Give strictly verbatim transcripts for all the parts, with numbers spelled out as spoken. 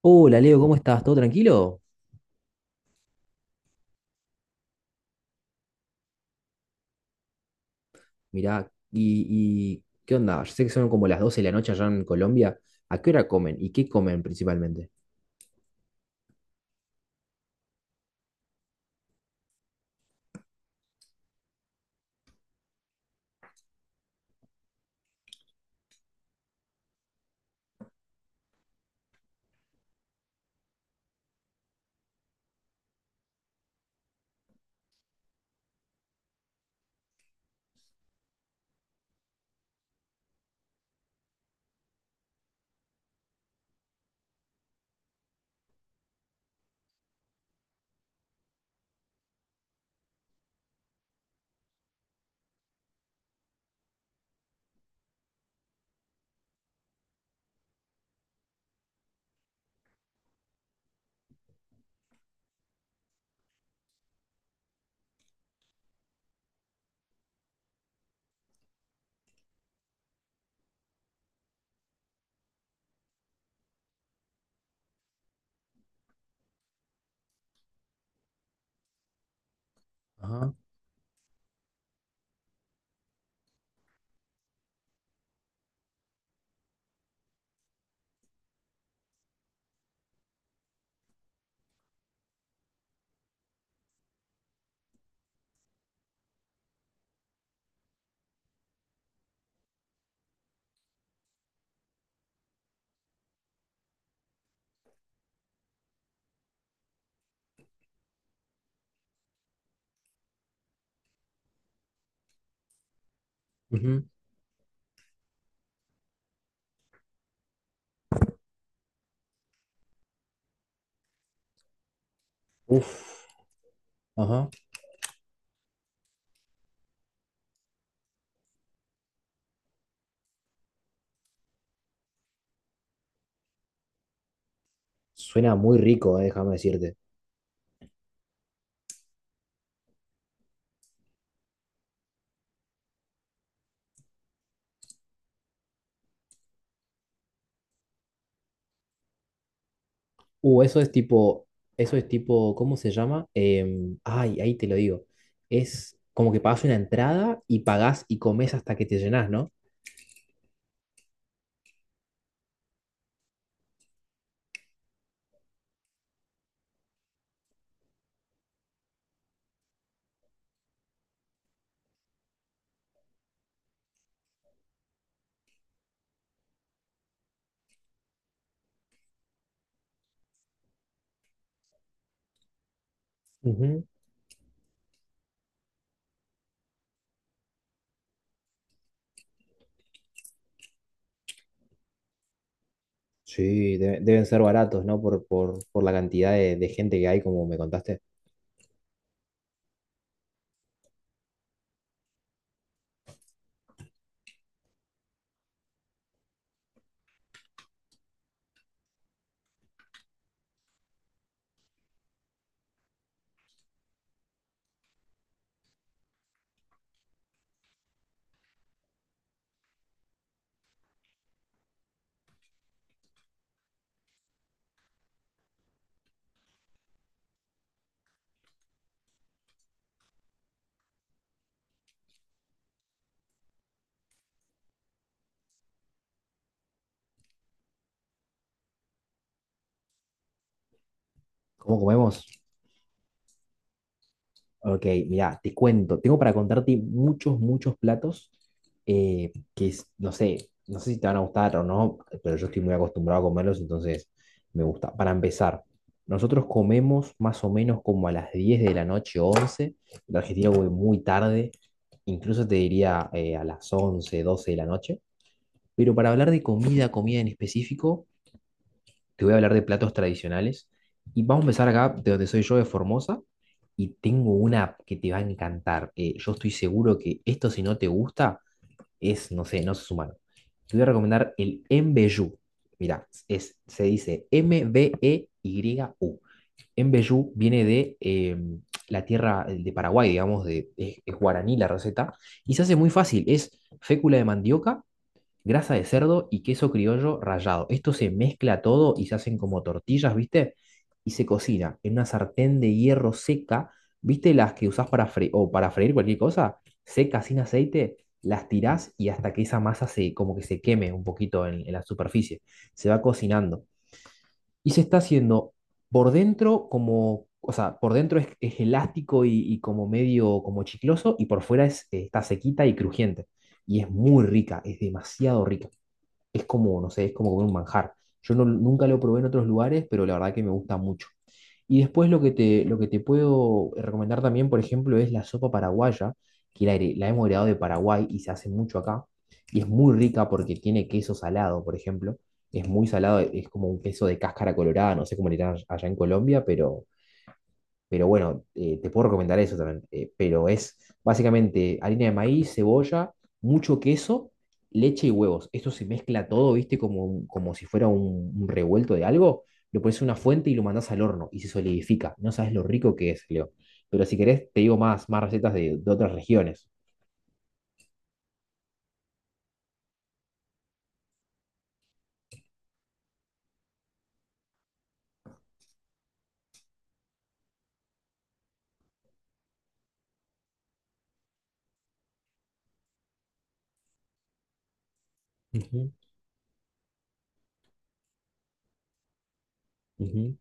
Hola Leo, ¿cómo estás? ¿Todo tranquilo? Mirá, y, y ¿qué onda? Yo sé que son como las doce de la noche allá en Colombia. ¿A qué hora comen? ¿Y qué comen principalmente? Ajá. Ujú. Uf, ajá. Suena muy rico, eh, déjame decirte. Uh, eso es tipo, eso es tipo, ¿cómo se llama? Em, ay, ahí te lo digo. Es como que pagas una entrada y pagás y comes hasta que te llenás, ¿no? Ujú. Sí, de- deben ser baratos, ¿no? Por, por, por la cantidad de, de gente que hay, como me contaste. ¿Cómo comemos? Ok, mira, te cuento, tengo para contarte muchos, muchos platos, eh, que es- no sé, no sé si te van a gustar o no, pero yo estoy muy acostumbrado a comerlos, entonces me gusta. Para empezar, nosotros comemos más o menos como a las diez de la noche, once. En Argentina voy muy tarde, incluso te diría, eh, a las once, doce de la noche, pero para hablar de comida, comida en específico, te voy a hablar de platos tradicionales. Y vamos a empezar acá, de donde soy yo, de Formosa. Y tengo una que te va a encantar. Eh, yo estoy seguro que esto, si no te gusta, es, no sé, no sos humano. Te voy a recomendar el Mbeyu. Mira, es, se dice M B E Y U. Mbeyu viene de, eh, la tierra de Paraguay, digamos, de, es es guaraní la receta. Y se hace muy fácil. Es fécula de mandioca, grasa de cerdo y queso criollo rallado. Esto se mezcla todo y se hacen como tortillas, ¿viste? Y se cocina en una sartén de hierro seca, ¿viste? Las que usás para freír o para freír cualquier cosa, seca, sin aceite, las tirás y hasta que esa masa se como que se queme un poquito en, en la superficie. Se va cocinando. Y se está haciendo por dentro como, o sea, por dentro es, es elástico y, y como medio como chicloso y por fuera es, eh, está sequita y crujiente. Y es muy rica, es demasiado rica, es como, no sé, es como comer un manjar. Yo no, nunca lo probé en otros lugares, pero la verdad que me gusta mucho. Y después lo que te, lo que te puedo recomendar también, por ejemplo, es la sopa paraguaya, que la, here- la hemos heredado de Paraguay y se hace mucho acá. Y es muy rica porque tiene queso salado, por ejemplo. Es muy salado, es como un queso de cáscara colorada, no sé cómo le dirán allá en Colombia, pero pero bueno, eh, te puedo recomendar eso también. Eh, pero es básicamente harina de maíz, cebolla, mucho queso, leche y huevos. Esto se mezcla todo, ¿viste? Como, un- como si fuera un, un revuelto de algo. Lo pones en una fuente y lo mandás al horno y se solidifica. No sabes lo rico que es, Leo. Pero si querés, te digo más, más recetas de, de otras regiones. Ujú, ujú.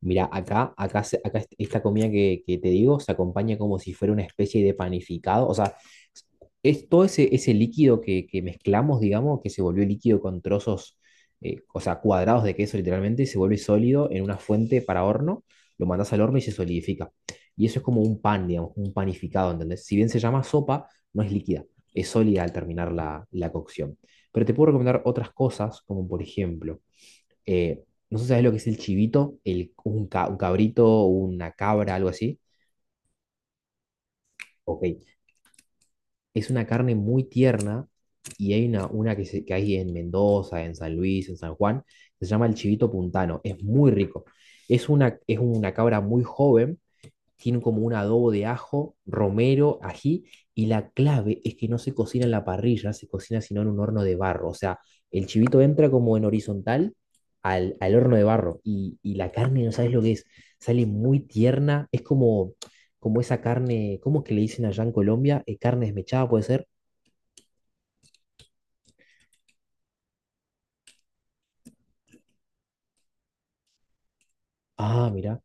Mira, acá, acá, se- acá est- esta comida que, que te digo se acompaña como si fuera una especie de panificado. O sea, es todo ese, ese líquido que, que mezclamos, digamos, que se volvió líquido con trozos, eh, o sea, cuadrados de queso literalmente, se vuelve sólido en una fuente para horno, lo mandas al horno y se solidifica. Y eso es como un pan, digamos, un panificado, ¿entendés? Si bien se llama sopa, no es líquida, es sólida al terminar la, la cocción. Pero te puedo recomendar otras cosas, como por ejemplo. Eh, no sé si sabes lo que es el chivito, el, un, ca- un cabrito, una cabra, algo así. Ok, es una carne muy tierna y hay una, una que, se- que hay en Mendoza, en San Luis, en San Juan, que se llama el chivito puntano. Es muy rico. Es una, es una cabra muy joven, tiene como un adobo de ajo, romero, ají, y la clave es que no se cocina en la parrilla, se cocina sino en un horno de barro. O sea, el chivito entra como en horizontal al, al horno de barro, y, y la carne, no sabes lo que es, sale muy tierna, es como, como esa carne, ¿cómo es que le dicen allá en Colombia? Eh, carne desmechada puede ser. Ah, mira.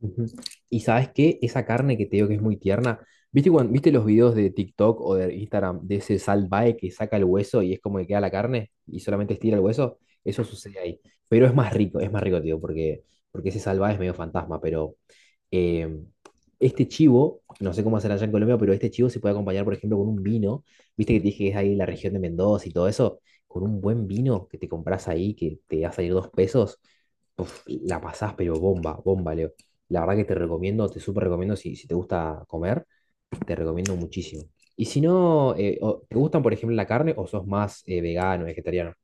Ujú. Y sabes qué, esa carne que te digo que es muy tierna, ¿viste, cuan- ¿viste los videos de TikTok o de Instagram de ese salvae que saca el hueso y es como que queda la carne y solamente estira el hueso? Eso sucede ahí. Pero es más rico, es más rico, tío, porque, porque ese salvae es medio fantasma, pero eh, este chivo, no sé cómo hacer allá en Colombia, pero este chivo se puede acompañar, por ejemplo, con un vino, viste que te dije que es ahí la región de Mendoza y todo eso, con un buen vino que te compras ahí, que te va a salir dos pesos, uf, la pasás, pero bomba, bomba, Leo. La verdad que te recomiendo, te súper recomiendo si, si te gusta comer, te recomiendo muchísimo. Y si no, eh, o- ¿te gustan, por ejemplo, la carne o sos más, eh, vegano, vegetariano?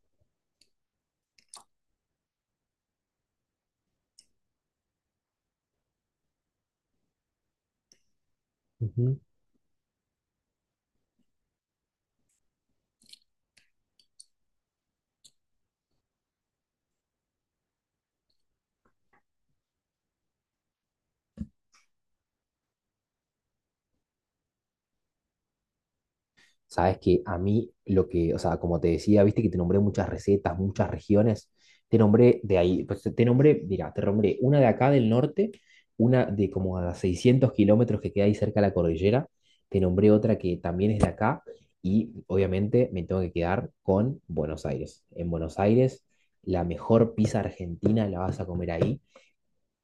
Sabes que a mí lo que, o sea, como te decía, viste que te nombré muchas recetas, muchas regiones, te nombré de ahí, pues te nombré, mira, te nombré una de acá del norte, una de como a seiscientos kilómetros que queda ahí cerca de la cordillera, te nombré otra que también es de acá y obviamente me tengo que quedar con Buenos Aires. En Buenos Aires, la mejor pizza argentina la vas a comer ahí.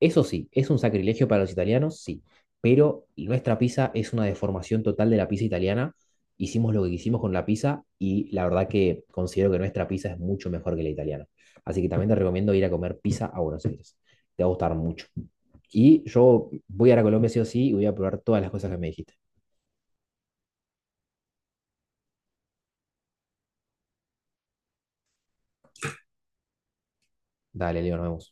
Eso sí, es un sacrilegio para los italianos, sí, pero nuestra pizza es una deformación total de la pizza italiana. Hicimos lo que quisimos con la pizza y la verdad que considero que nuestra pizza es mucho mejor que la italiana. Así que también te recomiendo ir a comer pizza a Buenos Aires. Te va a gustar mucho. Y yo voy a ir a Colombia sí o sí y voy a probar todas las cosas que me dijiste. Dale, Leo, nos vemos.